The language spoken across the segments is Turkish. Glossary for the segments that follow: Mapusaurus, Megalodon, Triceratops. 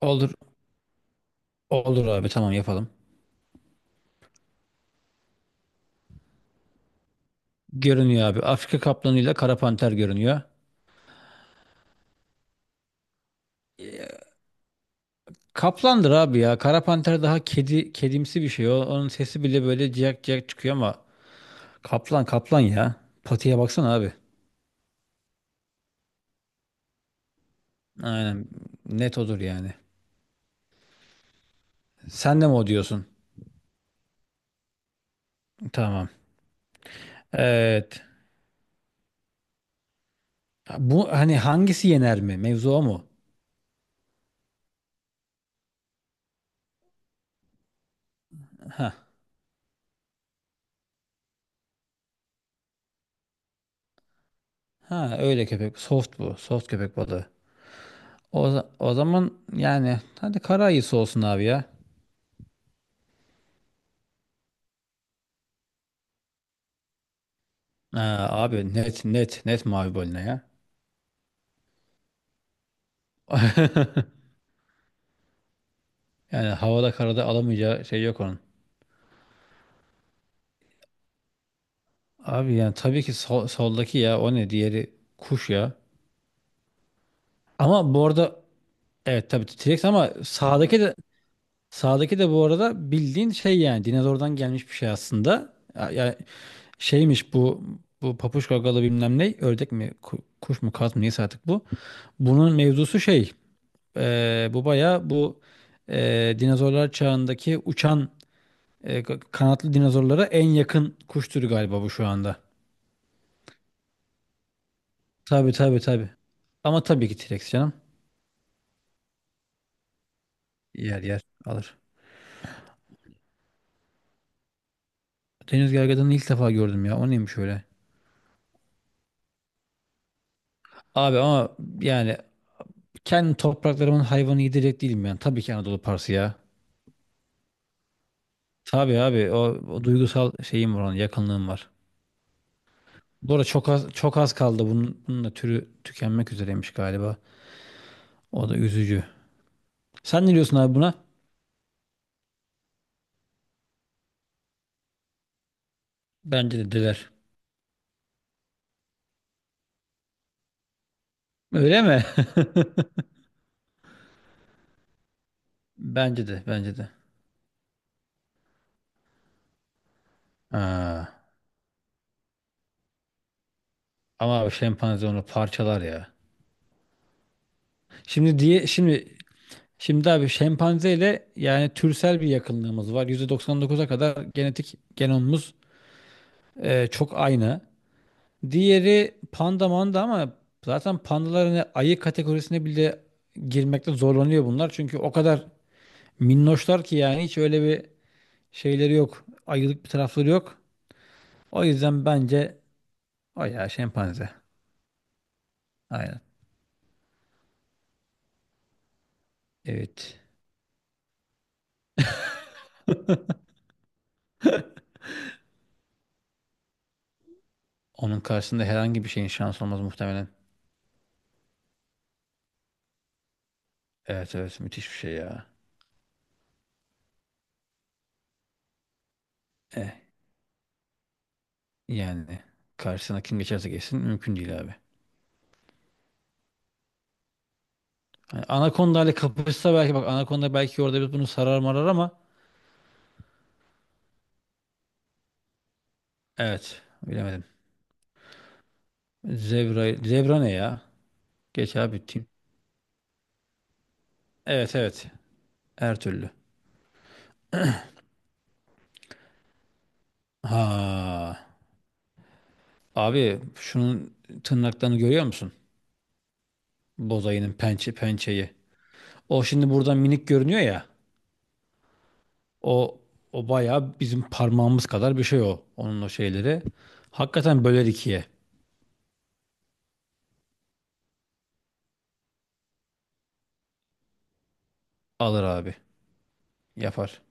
Olur, olur abi tamam yapalım. Görünüyor abi. Afrika kaplanıyla kara panter görünüyor. Kaplandır abi ya. Kara panter daha kedi kedimsi bir şey. O, onun sesi bile böyle ciyak ciyak çıkıyor ama kaplan kaplan ya. Patiye baksana abi. Aynen. Net odur yani. Sen de mi o diyorsun? Tamam. Evet. Bu hani hangisi yener mi? Mevzu o mu? Ha. Ha öyle köpek. Soft bu. Soft köpek balığı. O zaman yani hadi kara ayısı olsun abi ya. Ha, abi net net net mavi balina ya. Yani havada karada alamayacağı şey yok onun. Abi yani tabii ki soldaki ya o ne diğeri kuş ya. Ama bu arada evet tabii T-Rex ama sağdaki de bu arada bildiğin şey yani dinozordan gelmiş bir şey aslında. Ya, şeymiş bu bu papuç gagalı bilmem ne ördek mi kuş mu kaz mı neyse artık bu. Bunun mevzusu şey bu baya bu dinozorlar çağındaki uçan E, kanatlı dinozorlara en yakın kuş türü galiba bu şu anda. Tabii tabii tabii. Ama tabii ki T-Rex canım. Yer yer alır. Deniz gergedanını ilk defa gördüm ya. O neymiş öyle? Abi ama yani kendi topraklarımın hayvanı yedirecek değilim yani. Tabii ki Anadolu Parsı ya. Tabii abi o, o duygusal şeyim var onun yakınlığım var. Bu arada çok az, çok az kaldı. Bunun, bunun da türü tükenmek üzereymiş galiba. O da üzücü. Sen ne diyorsun abi buna? Bence de diler. Öyle mi? Bence de, bence de. Ha. Ama abi şempanze onu parçalar ya. Şimdi diye şimdi şimdi abi şempanzeyle yani türsel bir yakınlığımız var. %99'a kadar genetik genomumuz çok aynı. Diğeri panda manda ama zaten pandalar hani ayı kategorisine bile girmekte zorlanıyor bunlar. Çünkü o kadar minnoşlar ki yani hiç öyle bir şeyleri yok. Ayılık bir tarafları yok. O yüzden bence o ya şempanze. Aynen. Evet. Onun karşısında herhangi bir şeyin şansı olmaz muhtemelen. Evet evet müthiş bir şey ya. Eh, yani karşısına kim geçerse geçsin mümkün değil abi. Hani Anaconda ile kapışsa belki bak Anaconda belki orada biz bunu sarar marar ama evet bilemedim. Zebra, zebra ne ya? Geç abi tim. Evet evet her türlü. Ha abi şunun tırnaklarını görüyor musun? Bozayının pençe pençeyi. O şimdi buradan minik görünüyor ya. O o bayağı bizim parmağımız kadar bir şey o. Onun o şeyleri. Hakikaten böler ikiye. Alır abi. Yapar.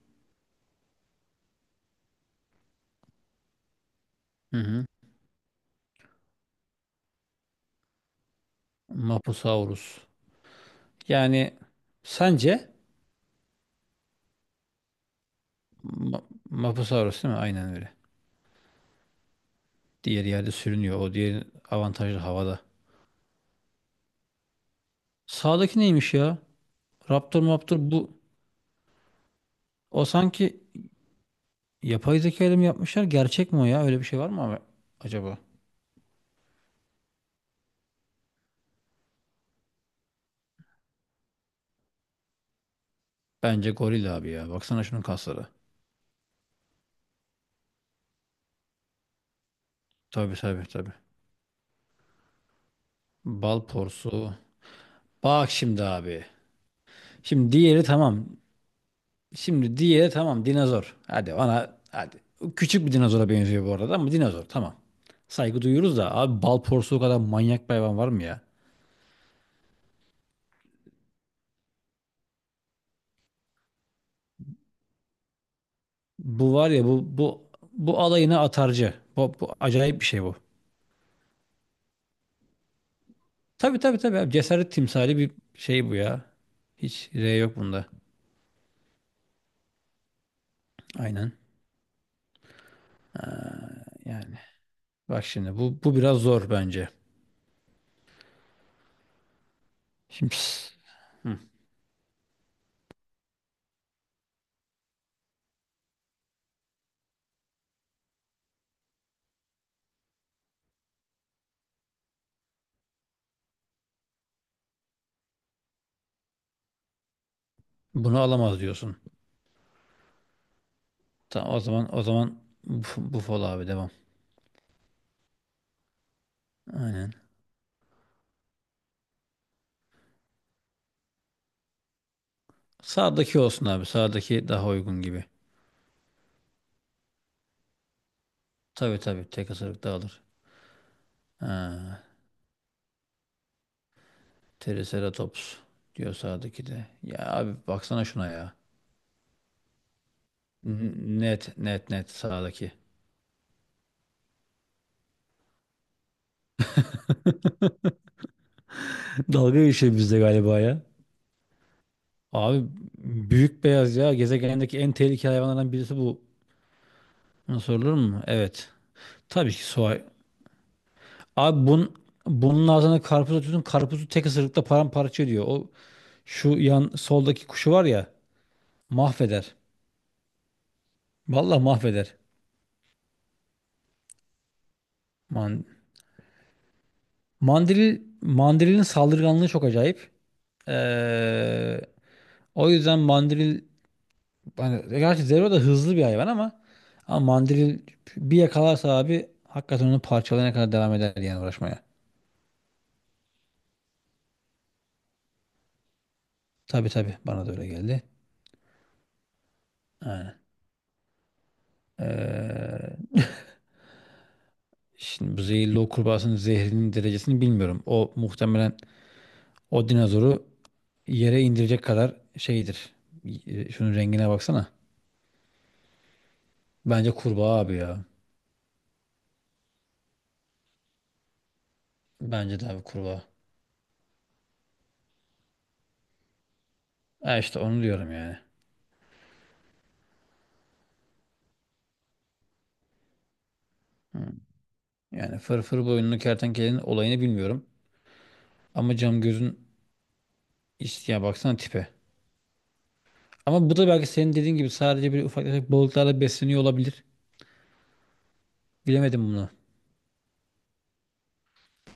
Hı hı. Mapusaurus. Yani sence Ma- Mapusaurus değil mi? Aynen öyle. Diğer yerde sürünüyor. O diğer avantajlı havada. Sağdaki neymiş ya? Raptor Raptor bu. O sanki yapay zeka ile mi yapmışlar? Gerçek mi o ya? Öyle bir şey var mı abi acaba? Bence goril abi ya. Baksana şunun kasları. Tabii tabii tabii. Bal porsu. Bak şimdi abi. Şimdi diğeri tamam. Şimdi diğeri tamam dinozor. Hadi bana hadi. Küçük bir dinozora benziyor bu arada ama dinozor tamam. Saygı duyuyoruz da abi bal porsuğu kadar manyak bir hayvan var mı ya? Bu var ya, bu bu alayına atarcı. Bu, bu acayip bir şey bu. Tabii tabii tabii abi. Cesaret timsali bir şey bu ya. Hiç R yok bunda. Aynen yani. Bak şimdi, bu biraz zor bence. Şimdi pss, hı, bunu alamaz diyorsun. Tamam o zaman o zaman bu, bu fol abi devam. Aynen. Sağdaki olsun abi. Sağdaki daha uygun gibi. Tabii tabii. Tek ısırık da alır. Ha, Triceratops diyor sağdaki de. Ya abi baksana şuna ya. Net net net sağdaki. Dalga geçiyor bizde galiba ya. Abi büyük beyaz ya. Gezegendeki en tehlikeli hayvanlardan birisi bu. Buna sorulur mu? Evet. Tabii ki soğan. Abi bun, bunun ağzına karpuz atıyorsun. Karpuzu tek ısırıkta paramparça ediyor. O şu yan soldaki kuşu var ya mahveder. Vallahi mahveder. Man mandril mandrilin saldırganlığı çok acayip. Ee, o yüzden mandril hani gerçi Zero da hızlı bir hayvan ama ama mandril bir yakalarsa abi hakikaten onu parçalayana kadar devam eder yani uğraşmaya. Tabii tabii bana da öyle geldi. Aynen. Ee, şimdi bu zehirli o kurbağasının zehrinin derecesini bilmiyorum. O muhtemelen o dinozoru yere indirecek kadar şeydir. Şunun rengine baksana. Bence kurbağa abi ya. Bence de abi kurbağa. Ha işte onu diyorum yani. Yani fırfır boyunlu kertenkelenin olayını bilmiyorum. Ama cam gözün işte ya baksana tipe. Ama bu da belki senin dediğin gibi sadece bir ufak tefek balıklarla besleniyor olabilir. Bilemedim bunu.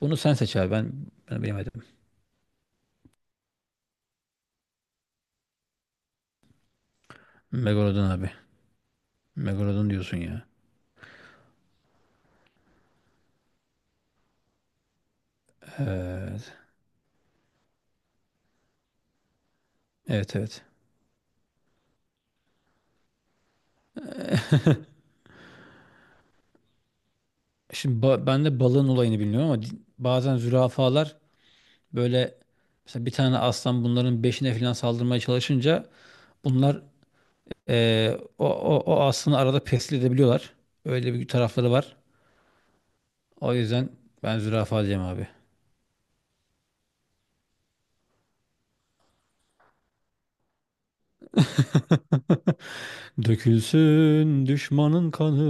Bunu sen seç abi. Ben, ben bilemedim. Megalodon abi. Megalodon diyorsun ya. Evet. Evet evet. Şimdi ben de balığın olayını bilmiyorum ama bazen zürafalar böyle mesela bir tane aslan bunların beşine falan saldırmaya çalışınca bunlar o aslında arada pestil edebiliyorlar. Öyle bir tarafları var. O yüzden ben zürafa diyeceğim abi. Dökülsün düşmanın kanı,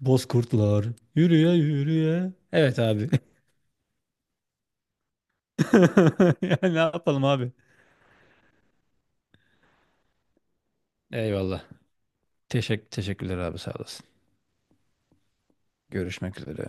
bozkurtlar yürüye yürüye. Evet abi. Ya ne yapalım abi? Eyvallah. Teşekkürler abi sağ olasın. Görüşmek üzere.